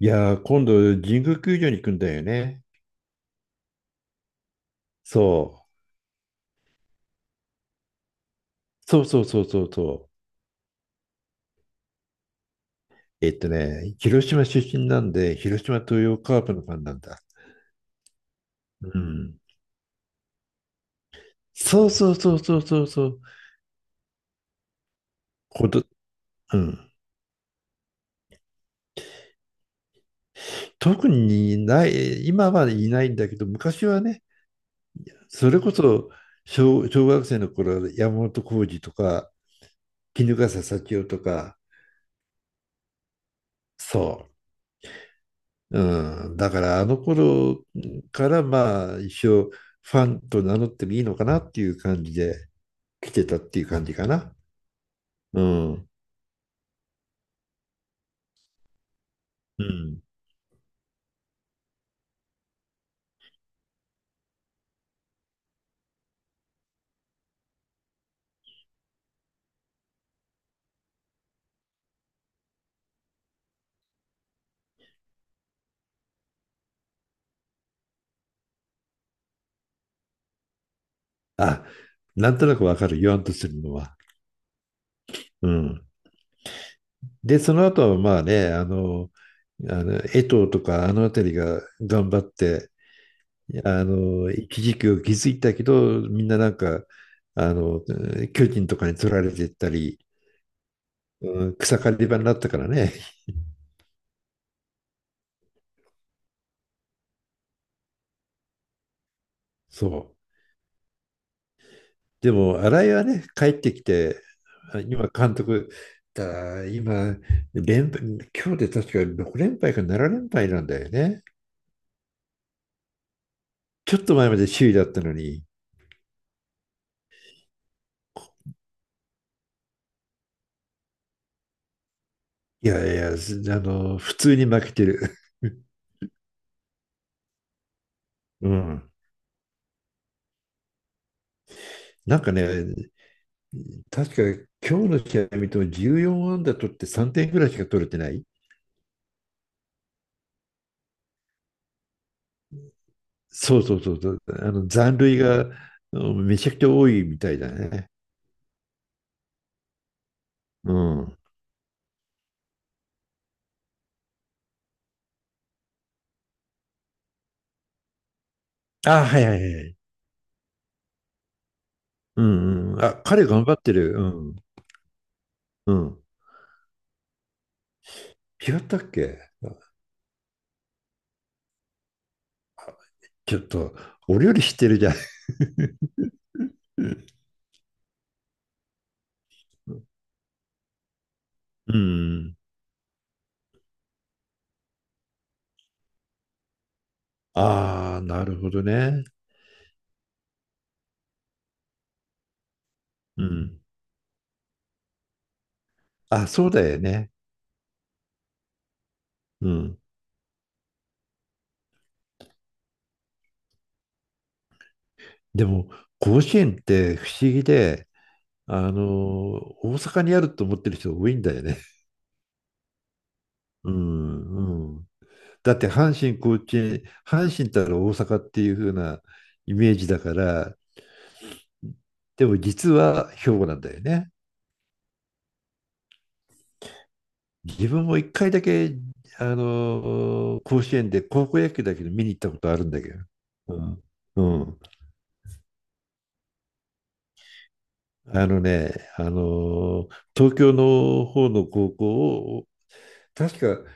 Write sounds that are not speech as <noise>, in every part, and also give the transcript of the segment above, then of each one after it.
いやー、今度、神宮球場に行くんだよね。そう。そうそうそうそうそう。広島出身なんで、広島東洋カープのファンなんだ。うん。そうそうそうそうそうそう。こと、うん。特にない、今はいないんだけど、昔はね、それこそ小学生の頃、山本浩二とか、衣笠幸男とか、そう。うん、だからあの頃からまあ一応ファンと名乗ってもいいのかなっていう感じで来てたっていう感じかな。うん。うん。あ、なんとなくわかる、言わんとするのは。うん。で、その後はまあね、あの江藤とかあの辺りが頑張って、一時期を築いたけど、みんななんか、あの、巨人とかに取られてったり、うん、草刈り場になったからね。そう。でも、新井はね、帰ってきて、あ今、監督、今連敗、今日で確か6連敗か7連敗なんだよね。ちょっと前まで首位だったのに、いやいや、普通に負けてる。<laughs> うん。なんかね、確か今日の試合見ても14安ー取って3点ぐらいしか取れてない。そうそうそうそう。あの残塁がうんめちゃくちゃ多いみたいだね。うん。あ、はいはいはい。うんうん。あ、彼頑張ってる。うん。うん。違ったっけ？ちょっと、俺より知ってるじゃん。うん。ああ、なるほどね。うん。ん。あ、そうだよね。うん。でも、甲子園って不思議で、あの、大阪にあると思ってる人多いんだよね。うん、うん。だって、阪神、甲子園、阪神ったら大阪っていう風なイメージだから、でも実は兵庫なんだよね。自分も一回だけ、甲子園で高校野球だけど見に行ったことあるんだけど。うん。うん。あのね、あのー東京の方の高校を、確か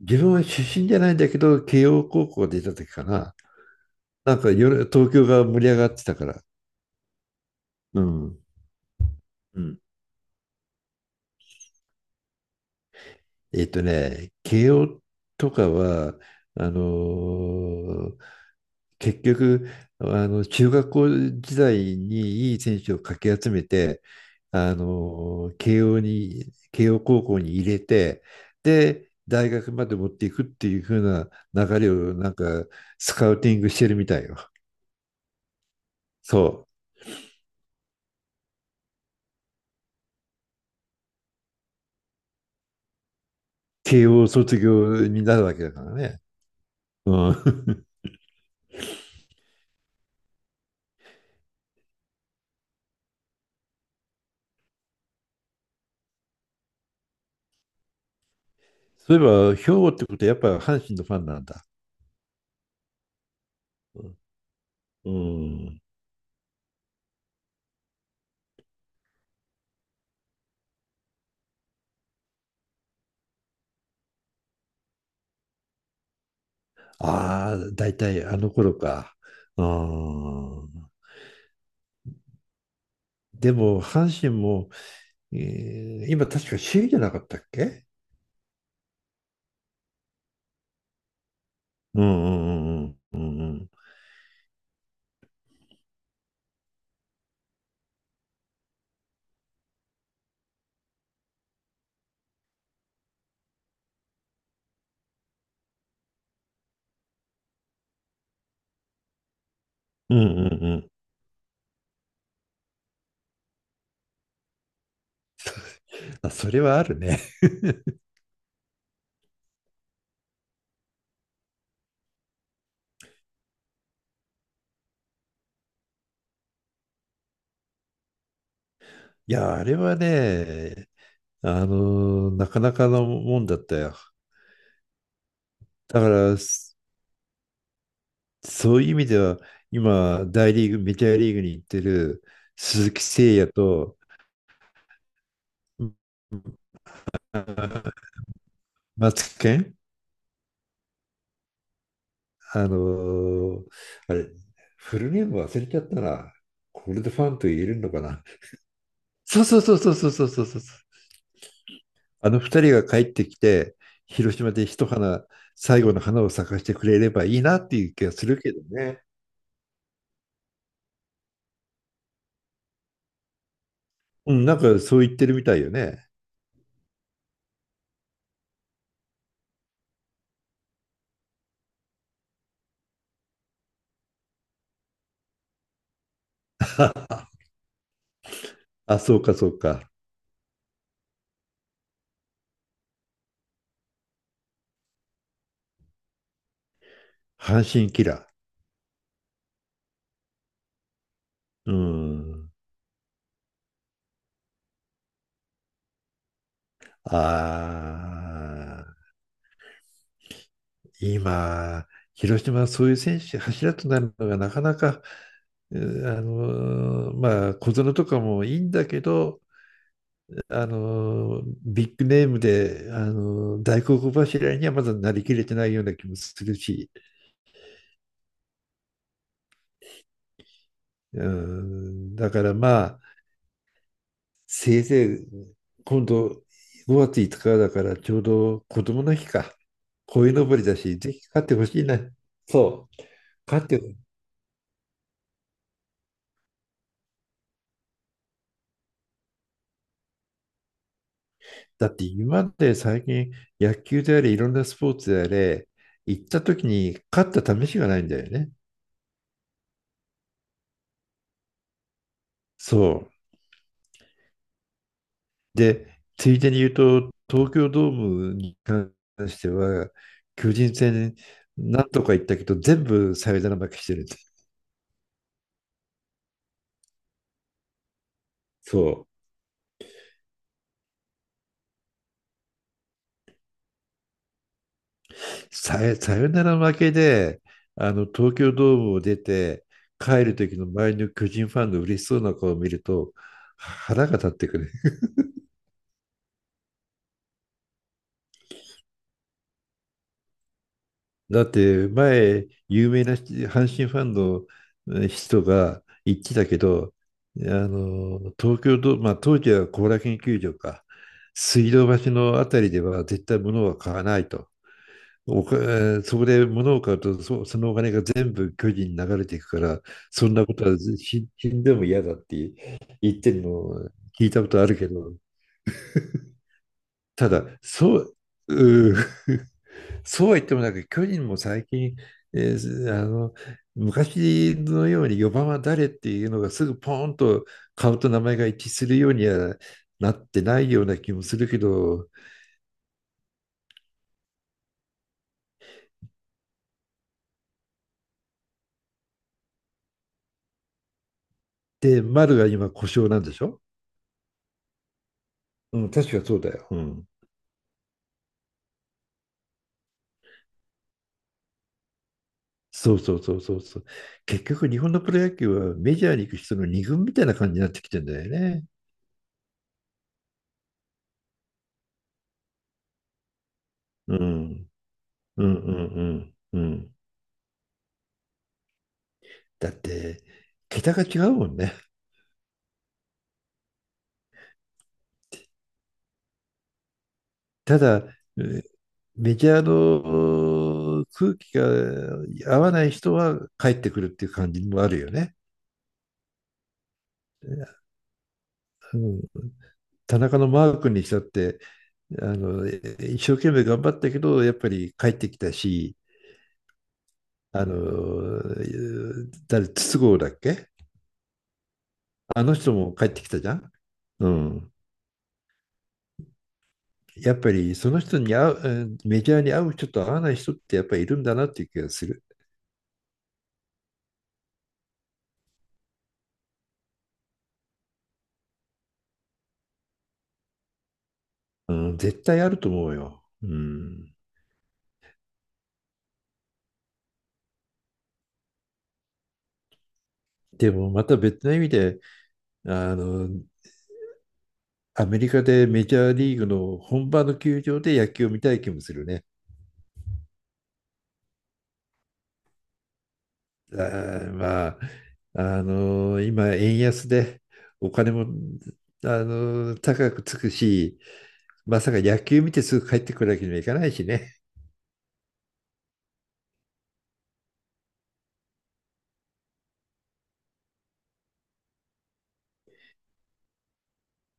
自分は出身じゃないんだけど、慶応高校が出た時かな。なんか夜東京が盛り上がってたから。うん。うん。慶応とかは、あのー結局、中学校時代にいい選手をかき集めて、慶応に、慶応高校に入れて、で、大学まで持っていくっていう風な流れを、なんか、スカウティングしてるみたいよ。そう。慶応卒業になるわけだからね。うん。<laughs> そういえば、兵庫ってことはやっぱ阪神のファンなんだ。うん。うん。ああ、大体あの頃か。うん。でも、阪神も、今確か首位じゃなかったっけ？うんうんうんうんうんうんうんうんうん。あ、それはあるね。<laughs> いや、あれはね、なかなかのもんだったよ。だから、そういう意味では、今、大リーグ、メジャーリーグに行ってる鈴木誠也と、ま松健あのーあれ、フルネーム忘れちゃったな。これでファンと言えるのかな。そうそうそうそうそうそうそうそう。あの二人が帰ってきて、広島で一花、最後の花を咲かせてくれればいいなっていう気がするけどね。うん、なんかそう言ってるみたいよね。<laughs> あ、そうかそうか。阪神キラー。うん。ああ。今、広島はそういう選手、柱となるのがなかなか、うあのーまあ、小園とかもいいんだけど、ビッグネームで、大黒柱にはまだなりきれてないような気もするし、うん、だからまあ、せいぜい今度5月5日だからちょうど子供の日か、鯉のぼりだし、ぜひ勝ってほしいな。そう。勝って、だって今まで最近、野球であれいろんなスポーツであれ、行った時に勝った試しがないんだよね。そう。で、ついでに言うと、東京ドームに関しては巨人戦なんとか行ったけど全部サヨナラ負けしてるんです。そう。サヨナラ負けで、あの東京ドームを出て帰る時の周りの巨人ファンの嬉しそうな顔を見ると腹が立ってくる。だって前、有名な人、阪神ファンの人が言ってたけど、あの東京ド、まあ、当時は後楽園球場か、水道橋のあたりでは絶対物は買わないと。おかえーそこで物を買うと、そのお金が全部巨人に流れていくから、そんなことは死んでも嫌だって言ってるのを聞いたことあるけど、ただ、そう、うー <laughs> そうは言ってもなんか巨人も最近、えーあの昔のように4番は誰っていうのがすぐポーンと顔と名前が一致するようにはなってないような気もするけど、で、丸が今故障なんでしょうん、確かそうだよ。うん。そうそうそうそうそう。結局、日本のプロ野球はメジャーに行く人の二軍みたいな感じになってきてんだよね。うん。うんうんうんうん。だって、桁が違うもんね。ただ、えーメディアの空気が合わない人は帰ってくるっていう感じもあるよね。うん、田中のマー君にしたって、あのえ一生懸命頑張ったけど、やっぱり帰ってきたし、あの、誰、筒香だっけ、あの人も帰ってきたじゃん。うん、やっぱりその人に合う、うん、メジャーに合う人と合わない人ってやっぱりいるんだなっていう気がする。うん、絶対あると思うよ。うん、でもまた別の意味で、あの、アメリカでメジャーリーグの本場の球場で野球を見たい気もするね。あーまあ、今、円安でお金も、高くつくし、まさか野球見てすぐ帰ってくるわけにはいかないしね。